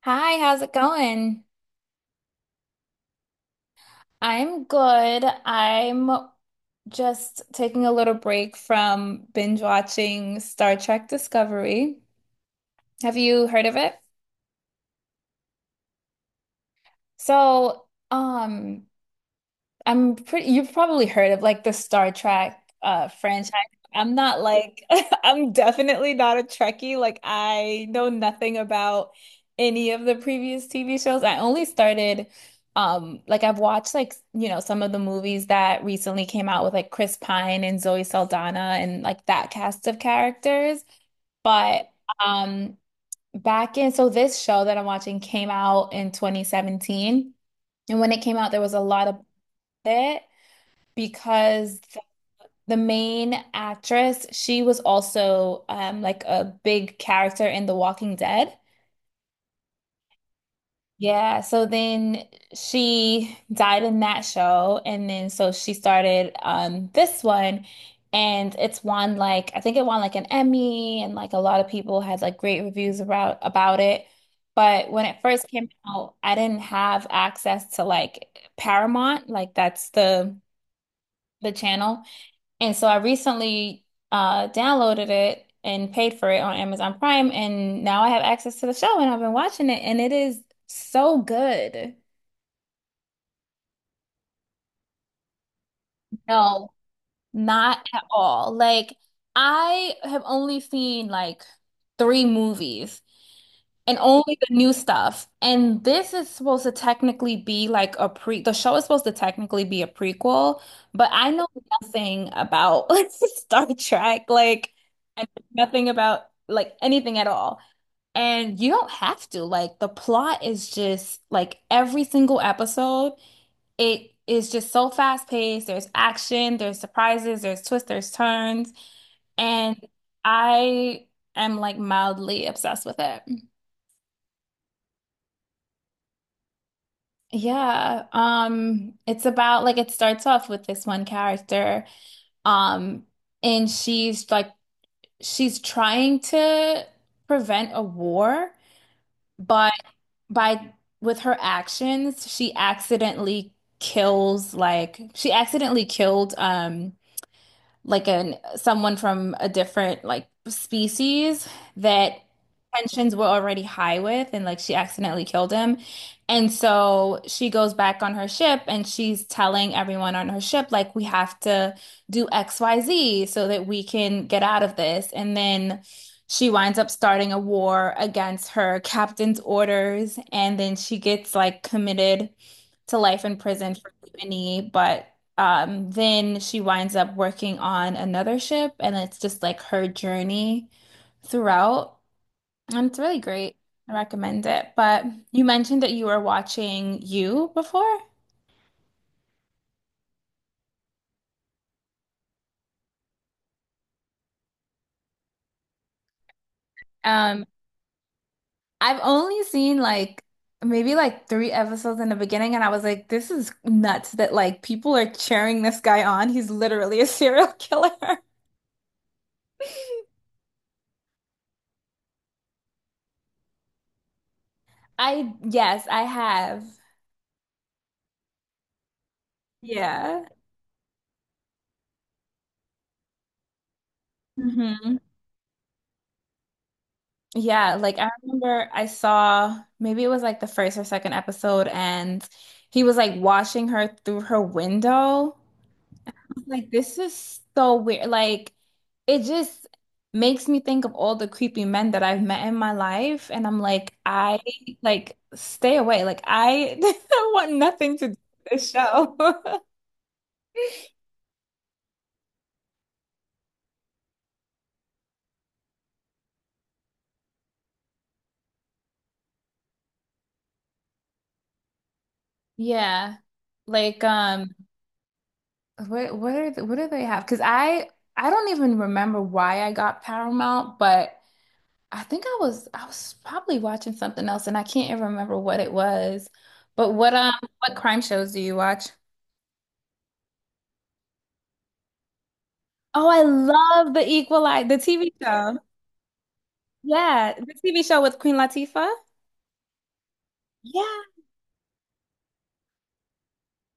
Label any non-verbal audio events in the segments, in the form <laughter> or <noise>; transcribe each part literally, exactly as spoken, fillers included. Hi, how's it going? I'm good. I'm just taking a little break from binge watching Star Trek Discovery. Have you heard of it? So, um, I'm pretty, you've probably heard of like the Star Trek uh franchise. I'm not like <laughs> I'm definitely not a Trekkie. Like I know nothing about any of the previous T V shows. I only started um like I've watched, like, you know, some of the movies that recently came out with like Chris Pine and Zoe Saldana and like that cast of characters. But um back in so this show that I'm watching came out in twenty seventeen. And when it came out, there was a lot of it because th- the main actress, she was also um like a big character in The Walking Dead. Yeah, so then she died in that show and then so she started um this one, and it's won like I think it won like an Emmy, and like a lot of people had like great reviews about about it. But when it first came out, I didn't have access to like Paramount, like that's the the channel. And so I recently uh, downloaded it and paid for it on Amazon Prime, and now I have access to the show, and I've been watching it, and it is so good. No, not at all. Like, I have only seen like three movies. And only the new stuff. And this is supposed to technically be like a pre, the show is supposed to technically be a prequel, but I know nothing about <laughs> Star Trek. Like, I know nothing about like anything at all. And you don't have to. Like, the plot is just like every single episode, it is just so fast paced. There's action, there's surprises, there's twists, there's turns. And I am like mildly obsessed with it. Yeah, um, it's about like it starts off with this one character, um, and she's like she's trying to prevent a war, but by with her actions, she accidentally kills like she accidentally killed um like an someone from a different like species that tensions were already high with, and like she accidentally killed him. And so she goes back on her ship and she's telling everyone on her ship like we have to do X Y Z so that we can get out of this. And then she winds up starting a war against her captain's orders, and then she gets like committed to life in prison for mutiny, but um, then she winds up working on another ship, and it's just like her journey throughout, and it's really great. I recommend it. But you mentioned that you were watching You before. Um, I've only seen like maybe like three episodes in the beginning, and I was like, this is nuts that like people are cheering this guy on. He's literally a serial killer. <laughs> I yes, I have. Yeah. Hmm. Yeah, like I remember I saw maybe it was like the first or second episode, and he was like watching her through her window. Like, this is so weird. Like, it just makes me think of all the creepy men that I've met in my life, and I'm like, I like stay away. Like, I <laughs> want nothing to do with this show. <laughs> Yeah. Like um what what are the, what do they have? Because I I don't even remember why I got Paramount, but I think I was I was probably watching something else and I can't even remember what it was. But what um what crime shows do you watch? Oh, I love The Equalizer, the T V show. Yeah, the T V show with Queen Latifah. Yeah.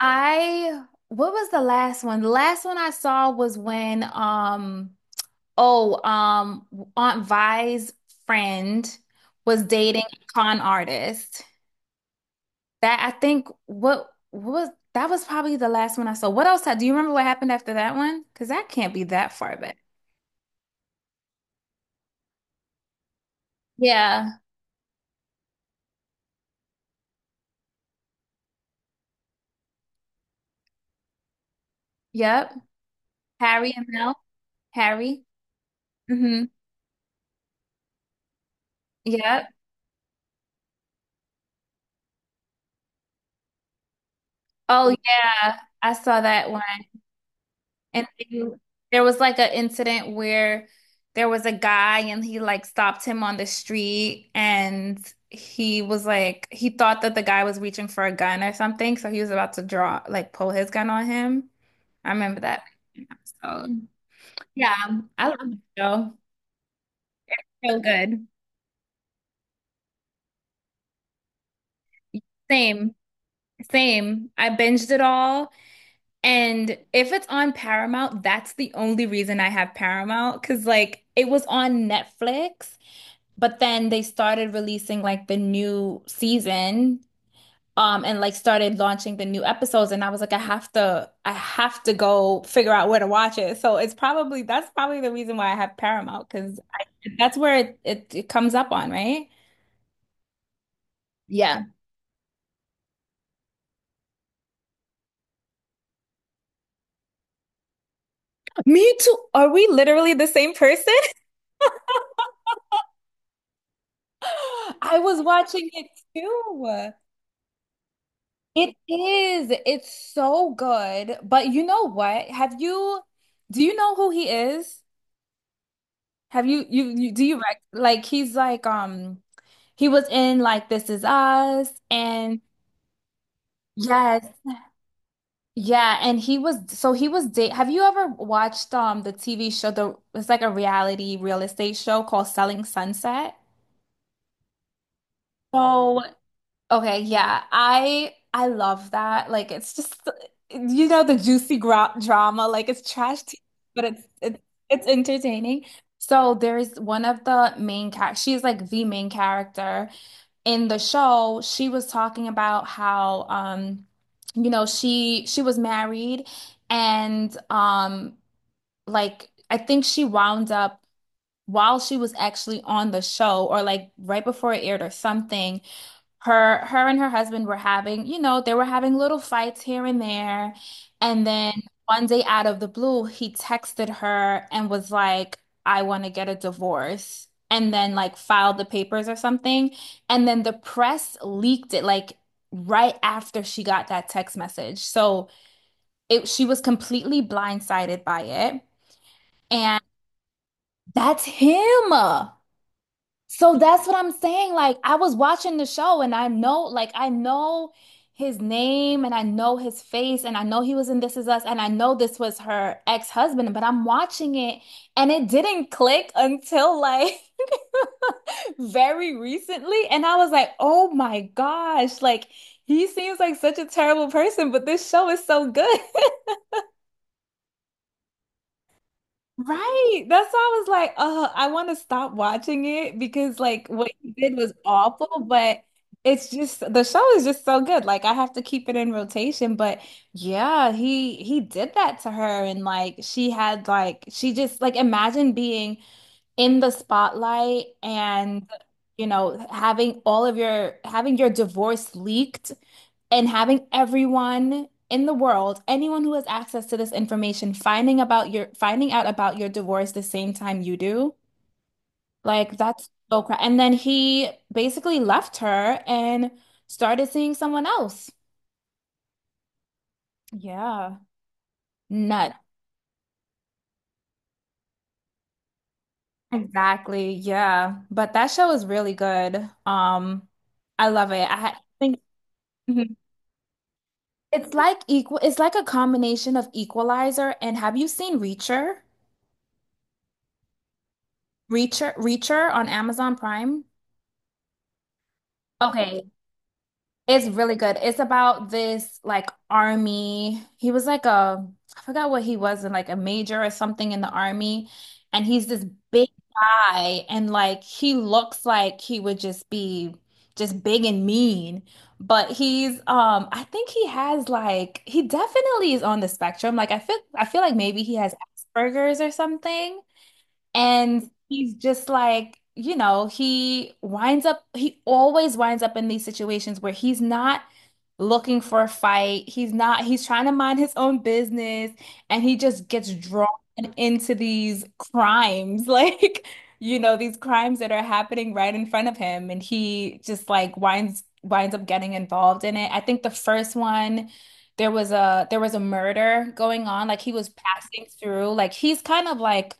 I what was the last one? The last one I saw was when um oh um Aunt Vi's friend was dating a con artist. That I think what what was that was probably the last one I saw. What else had, do you remember what happened after that one? Because that can't be that far back. Yeah. Yep. Harry and Mel. Harry. Hmm. Yep. Oh yeah. I saw that one. And then there was like an incident where there was a guy and he like stopped him on the street, and he was like he thought that the guy was reaching for a gun or something, so he was about to draw like pull his gun on him. I remember that episode. Yeah, um, I love the show. So good. Same, same. I binged it all. And if it's on Paramount, that's the only reason I have Paramount. Because, like, it was on Netflix, but then they started releasing, like, the new season. Um, and like started launching the new episodes, and I was like, I have to, I have to go figure out where to watch it. So it's probably that's probably the reason why I have Paramount, because that's where it, it it comes up on, right? Yeah. Me too. Are we literally the same person? <laughs> <gasps> I was watching it too. It is. It's so good. But you know what? Have you, do you know who he is? Have you, you, you do you rec like he's like um he was in like This Is Us and yes, yeah, and he was so he was date. Have you ever watched um the T V show the it's like a reality real estate show called Selling Sunset? So okay, yeah. I I love that. Like it's just you know the juicy gra drama, like it's trash T V, but it's it's it's entertaining. So there's one of the main char she's like the main character in the show. She was talking about how um you know she she was married and um like I think she wound up while she was actually on the show or like right before it aired or something her her and her husband were having, you know, they were having little fights here and there. And then one day out of the blue, he texted her and was like, I want to get a divorce. And then like filed the papers or something. And then the press leaked it like right after she got that text message. So it she was completely blindsided by it. And that's him. So that's what I'm saying. Like I was watching the show and I know, like I know his name and I know his face and I know he was in This Is Us and I know this was her ex-husband, but I'm watching it and it didn't click until like <laughs> very recently, and I was like, "Oh my gosh, like he seems like such a terrible person, but this show is so good." Right. That's why I was like, uh, I want to stop watching it because like what he did was awful, but it's just the show is just so good. Like I have to keep it in rotation, but yeah, he he did that to her, and like she had like she just like imagine being in the spotlight and you know having all of your having your divorce leaked and having everyone in the world anyone who has access to this information finding about your finding out about your divorce the same time you do, like that's so cra, and then he basically left her and started seeing someone else yeah nut exactly yeah but that show is really good um I love it I ha- think. It's like equal, it's like a combination of Equalizer and have you seen Reacher? Reacher, Reacher on Amazon Prime? Okay, it's really good. It's about this like army. He was like a, I forgot what he was in, like a major or something in the army. And he's this big guy and like he looks like he would just be just big and mean. But he's um I think he has like he definitely is on the spectrum. Like I feel I feel like maybe he has Asperger's or something. And he's just like, you know, he winds up, he always winds up in these situations where he's not looking for a fight. He's not, he's trying to mind his own business and he just gets drawn into these crimes, <laughs> like, you know, these crimes that are happening right in front of him. And he just like winds, winds up getting involved in it. I think the first one, there was a, there was a murder going on. Like he was passing through, like he's kind of like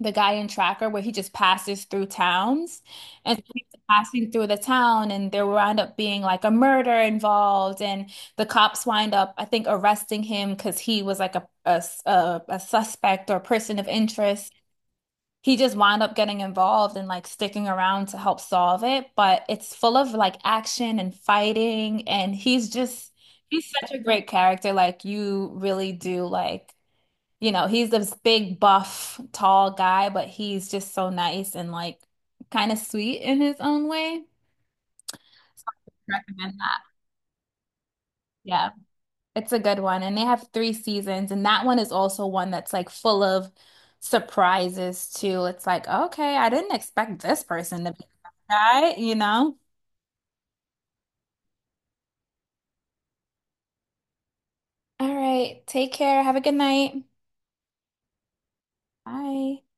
the guy in Tracker where he just passes through towns, and so he's passing through the town and there wound up being like a murder involved, and the cops wind up I think arresting him because he was like a a a a suspect or person of interest. He just wound up getting involved and like sticking around to help solve it, but it's full of like action and fighting, and he's just he's such a great character like you really do like, you know, he's this big, buff, tall guy, but he's just so nice and like kind of sweet in his own way. So I recommend that. Yeah, it's a good one. And they have three seasons, and that one is also one that's like full of surprises too. It's like, okay, I didn't expect this person to be that guy, you know? All right, take care. Have a good night. Bye.